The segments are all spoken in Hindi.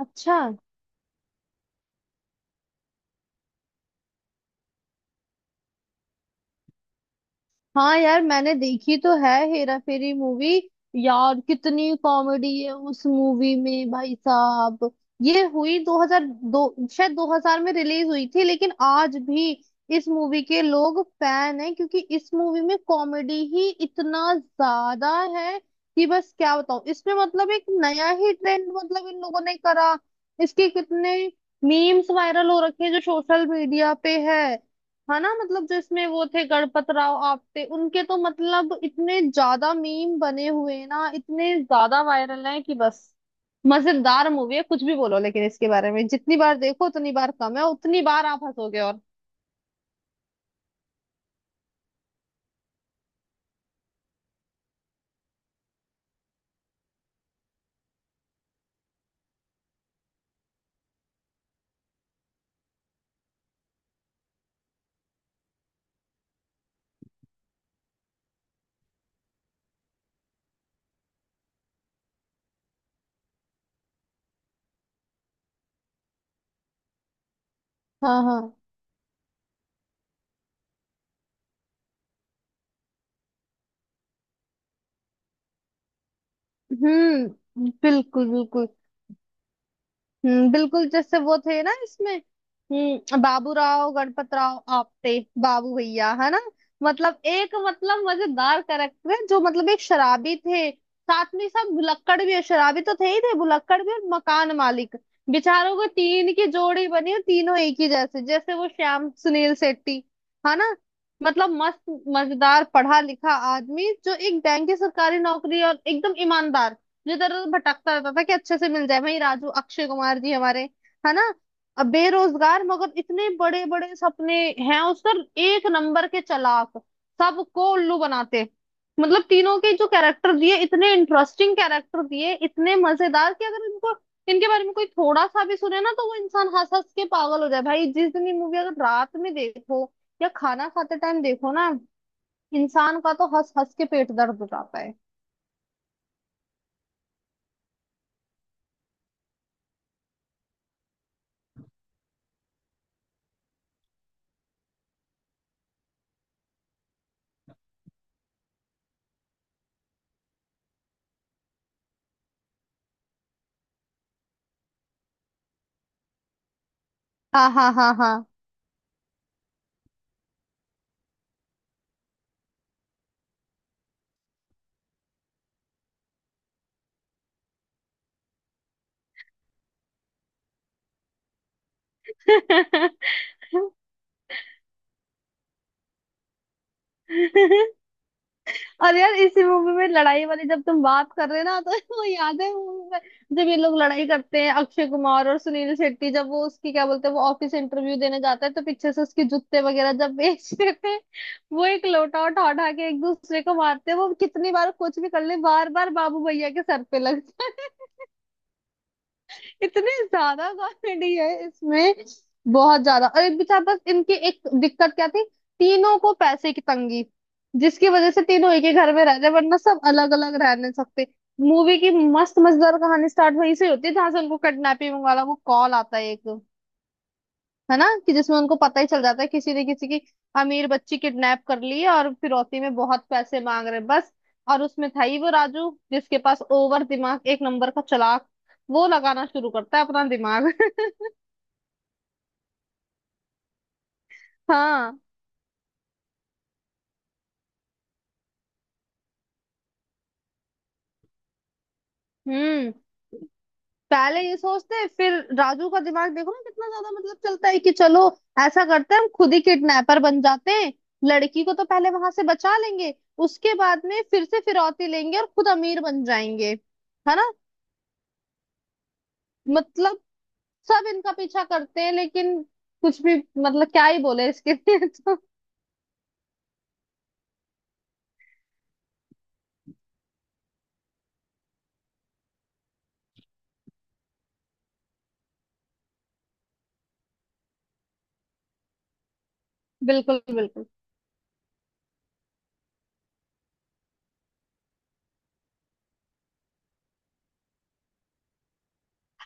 अच्छा। हाँ यार, मैंने देखी तो है हेरा फेरी मूवी। यार कितनी कॉमेडी है उस मूवी में भाई साहब। ये हुई 2002, शायद 2000 में रिलीज हुई थी, लेकिन आज भी इस मूवी के लोग फैन हैं क्योंकि इस मूवी में कॉमेडी ही इतना ज्यादा है कि बस क्या बताऊं। इसमें मतलब एक नया ही ट्रेंड मतलब इन लोगों ने करा। इसके कितने मीम्स वायरल हो रखे हैं जो सोशल मीडिया पे है। है ना, मतलब जो इसमें वो थे गणपत राव आप्टे, उनके तो मतलब इतने ज्यादा मीम बने हुए हैं ना, इतने ज्यादा वायरल हैं कि बस। मजेदार मूवी है, कुछ भी बोलो, लेकिन इसके बारे में जितनी बार देखो उतनी बार कम है, उतनी बार आप हंसोगे। और हाँ हाँ। हम्म, बिल्कुल बिल्कुल। बिल्कुल, जैसे वो थे ना इसमें, हम्म, बाबूराव गणपतराव आपटे, बाबू भैया, है ना। मतलब एक मतलब मजेदार करेक्टर है जो मतलब एक शराबी थे। साथ में सब भुलक्कड़ भी है। शराबी तो थे ही थे, भुलक्कड़ भी और मकान मालिक। बेचारों को तीन की जोड़ी बनी और तीनों एक ही जैसे, जैसे वो श्याम सुनील शेट्टी, है ना। मतलब मस्त मजेदार पढ़ा लिखा आदमी, जो एक बैंक की सरकारी नौकरी, और एकदम ईमानदार, जो इधर उधर भटकता रहता था कि अच्छे से मिल जाए भाई राजू, अक्षय कुमार जी हमारे, है ना। अब बेरोजगार मगर इतने बड़े बड़े सपने हैं उसका, एक नंबर के चालाक, सबको उल्लू बनाते। मतलब तीनों के जो कैरेक्टर दिए, इतने इंटरेस्टिंग कैरेक्टर दिए, इतने मजेदार कि अगर इनको, इनके बारे में कोई थोड़ा सा भी सुने ना, तो वो इंसान हंस हंस के पागल हो जाए भाई। जिस दिन ये मूवी अगर रात में देखो या खाना खाते टाइम देखो ना, इंसान का तो हंस हंस के पेट दर्द हो जाता है। हाँ हाँ हाँ हाँ। और यार इसी मूवी में लड़ाई वाली, जब तुम बात कर रहे ना तो वो याद है मूवी में, जब ये लोग लड़ाई करते हैं अक्षय कुमार और सुनील शेट्टी, जब वो उसकी क्या बोलते हैं, वो ऑफिस इंटरव्यू देने जाता है तो पीछे से उसके जूते वगैरह जब बेच देते हैं। वो एक लोटा उठा उठा के एक दूसरे को मारते हैं, वो कितनी बार कुछ भी कर ले, बार बार बाबू भैया के सर पे लगता है। इतने ज्यादा कॉमेडी है इसमें, बहुत ज्यादा। और एक बेचारा बस, इनकी एक दिक्कत क्या थी, तीनों को पैसे की तंगी, जिसकी वजह से तीनों एक ही घर में रह रहे, वरना सब अलग अलग रह नहीं सकते। मूवी की मस्त मजेदार कहानी स्टार्ट वहीं से होती है जहां से उनको किडनैपिंग वाला वो कॉल आता है एक, है ना, कि जिसमें उनको पता ही चल जाता है किसी ने किसी की अमीर बच्ची किडनैप कर ली है और फिरौती में बहुत पैसे मांग रहे हैं बस। और उसमें था ही वो राजू, जिसके पास ओवर दिमाग, एक नंबर का चालाक, वो लगाना शुरू करता है अपना दिमाग। हाँ, हम्म। पहले ये सोचते हैं, फिर राजू का दिमाग देखो ना कितना ज्यादा मतलब चलता है कि चलो ऐसा करते हैं, हम खुद ही किडनैपर बन जाते हैं। लड़की को तो पहले वहां से बचा लेंगे, उसके बाद में फिर से फिरौती लेंगे और खुद अमीर बन जाएंगे, है ना। मतलब सब इनका पीछा करते हैं लेकिन कुछ भी, मतलब क्या ही बोले इसके लिए। तो बिल्कुल बिल्कुल।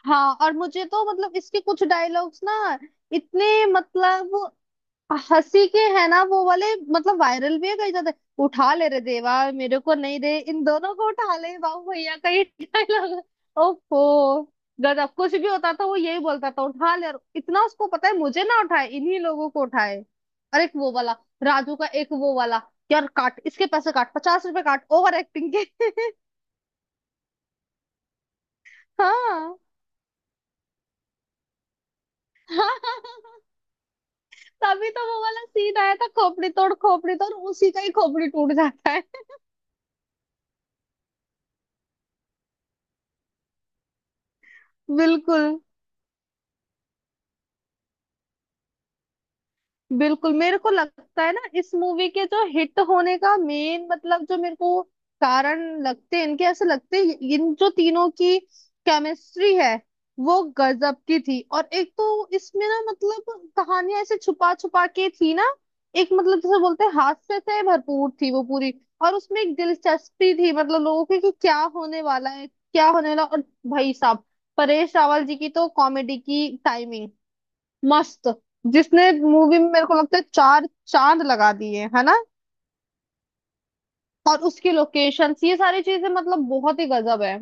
हाँ और मुझे तो मतलब इसके कुछ डायलॉग्स ना, इतने मतलब हंसी के, है ना, वो वाले मतलब वायरल भी है कई ज्यादा। उठा ले रे देवा, मेरे को नहीं दे, इन दोनों को उठा ले, बाबू भैया का ये डायलॉग। ओफो, गजब, कुछ भी होता था वो यही बोलता था उठा ले, और इतना उसको पता है मुझे ना उठाए, इन्हीं लोगों को उठाए। और एक वो वाला, राजू का एक वो वाला, यार काट इसके पैसे काट, 50 रुपए काट ओवर एक्टिंग के। हाँ। तभी तो वो वाला सीन आया था, खोपड़ी तोड़ खोपड़ी तोड़, उसी का ही खोपड़ी टूट जाता है। बिल्कुल। बिल्कुल मेरे को लगता है ना इस मूवी के जो हिट होने का मेन मतलब जो मेरे को कारण लगते हैं, इनके ऐसे लगते हैं, इन जो तीनों की केमिस्ट्री है वो गजब की थी। और एक तो इसमें ना मतलब कहानियां ऐसे छुपा छुपा के थी ना, एक मतलब जैसे बोलते हैं हास्य से भरपूर थी वो पूरी। और उसमें एक दिलचस्पी थी मतलब लोगों की कि क्या होने वाला है क्या होने वाला। और भाई साहब परेश रावल जी की तो कॉमेडी की टाइमिंग मस्त, जिसने मूवी में मेरे को लगता है चार चांद लगा दिए, है ना। और उसकी लोकेशन ये सारी चीजें मतलब बहुत ही गजब है।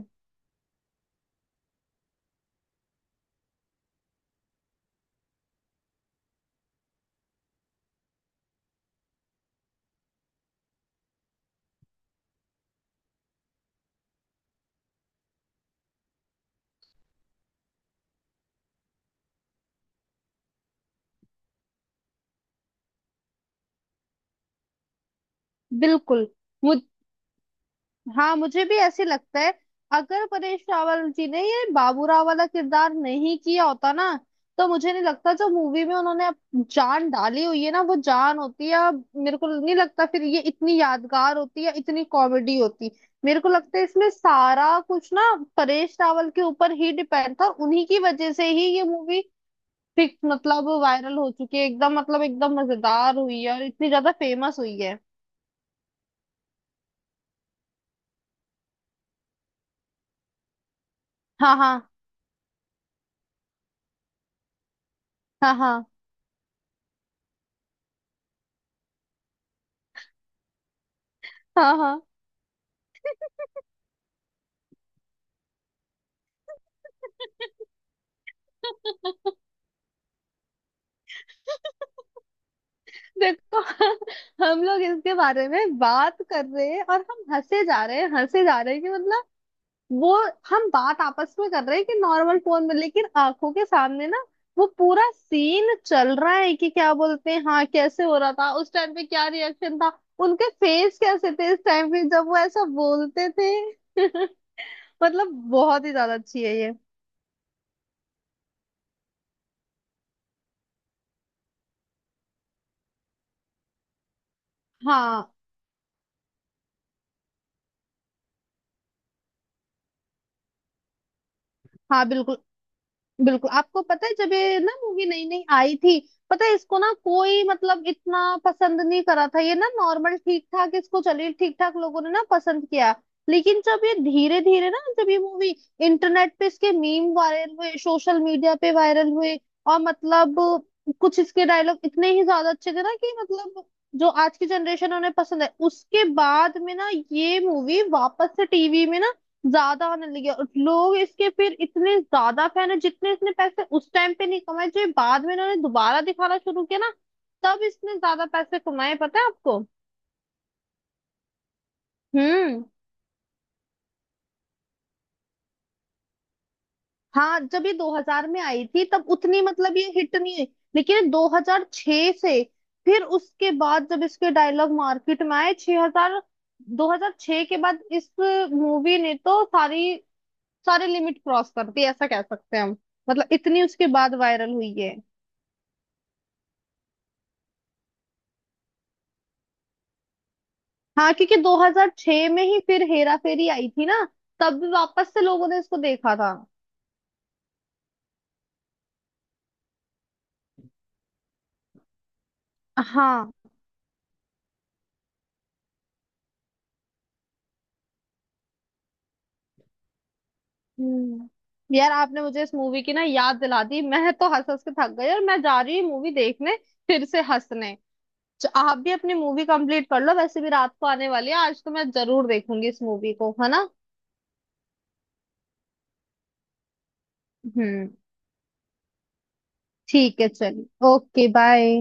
बिल्कुल। हाँ मुझे भी ऐसे लगता है, अगर परेश रावल जी ने ये बाबूराव वाला किरदार नहीं किया होता ना, तो मुझे नहीं लगता जो मूवी में उन्होंने अब जान डाली हुई है ना वो जान होती। है अब मेरे को नहीं लगता फिर ये इतनी यादगार होती, है इतनी कॉमेडी होती। मेरे को लगता है इसमें सारा कुछ ना परेश रावल के ऊपर ही डिपेंड था, और उन्हीं की वजह से ही ये मूवी फिक्स मतलब वायरल हो चुकी है एकदम, मतलब एकदम मजेदार हुई है और इतनी ज्यादा फेमस हुई है। हाँ हाँ हाँ हाँ हाँ हाँ। देखो, हम लोग इसके बारे में बात कर रहे हैं और हम हंसे जा रहे हैं हंसे जा रहे हैं, कि मतलब वो, हम बात आपस में कर रहे हैं कि नॉर्मल फोन में, लेकिन आंखों के सामने ना वो पूरा सीन चल रहा है, कि क्या बोलते हैं हाँ, कैसे हो रहा था उस टाइम पे, क्या रिएक्शन था उनके, फेस कैसे थे इस टाइम पे जब वो ऐसा बोलते थे। मतलब बहुत ही ज्यादा अच्छी है ये। हाँ हाँ बिल्कुल। बिल्कुल आपको पता है जब ये ना मूवी नई नई आई थी, पता है, इसको ना कोई मतलब इतना पसंद नहीं करा था, ये ना नॉर्मल ठीक ठाक, इसको चलिए ठीक ठाक लोगों ने ना पसंद किया। लेकिन जब ये धीरे धीरे ना, जब ये मूवी इंटरनेट पे, इसके मीम वायरल हुए सोशल मीडिया पे वायरल हुए, और मतलब कुछ इसके डायलॉग इतने ही ज्यादा अच्छे थे ना, कि मतलब जो आज की जनरेशन उन्हें पसंद है, उसके बाद में ना ये मूवी वापस से टीवी में ना ज्यादा होने लगी है। और लोग इसके फिर इतने ज्यादा फैन है, जितने इसने पैसे उस टाइम पे नहीं कमाए, जो ये बाद में इन्होंने दोबारा दिखाना शुरू किया ना, तब इसने ज्यादा पैसे कमाए, पता है आपको। हम्म। हाँ जब ये 2000 में आई थी तब उतनी मतलब ये हिट नहीं हुई, लेकिन 2006 से फिर उसके बाद जब इसके डायलॉग मार्केट में आए, 6000 2006 के बाद इस मूवी ने तो सारी सारे लिमिट क्रॉस कर दी ऐसा कह सकते हैं हम। मतलब इतनी उसके बाद वायरल हुई है। हाँ क्योंकि 2006 में ही फिर हेरा फेरी आई थी ना, तब भी वापस से लोगों ने इसको देखा था। हाँ। यार, आपने मुझे इस मूवी की ना याद दिला दी, मैं तो हंस हंस के थक गई, और मैं जा रही हूँ मूवी देखने फिर से हंसने। आप भी अपनी मूवी कंप्लीट कर लो, वैसे भी रात को आने वाली है, आज तो मैं जरूर देखूंगी इस मूवी को, है ना। हम्म। ठीक है चलिए, ओके बाय।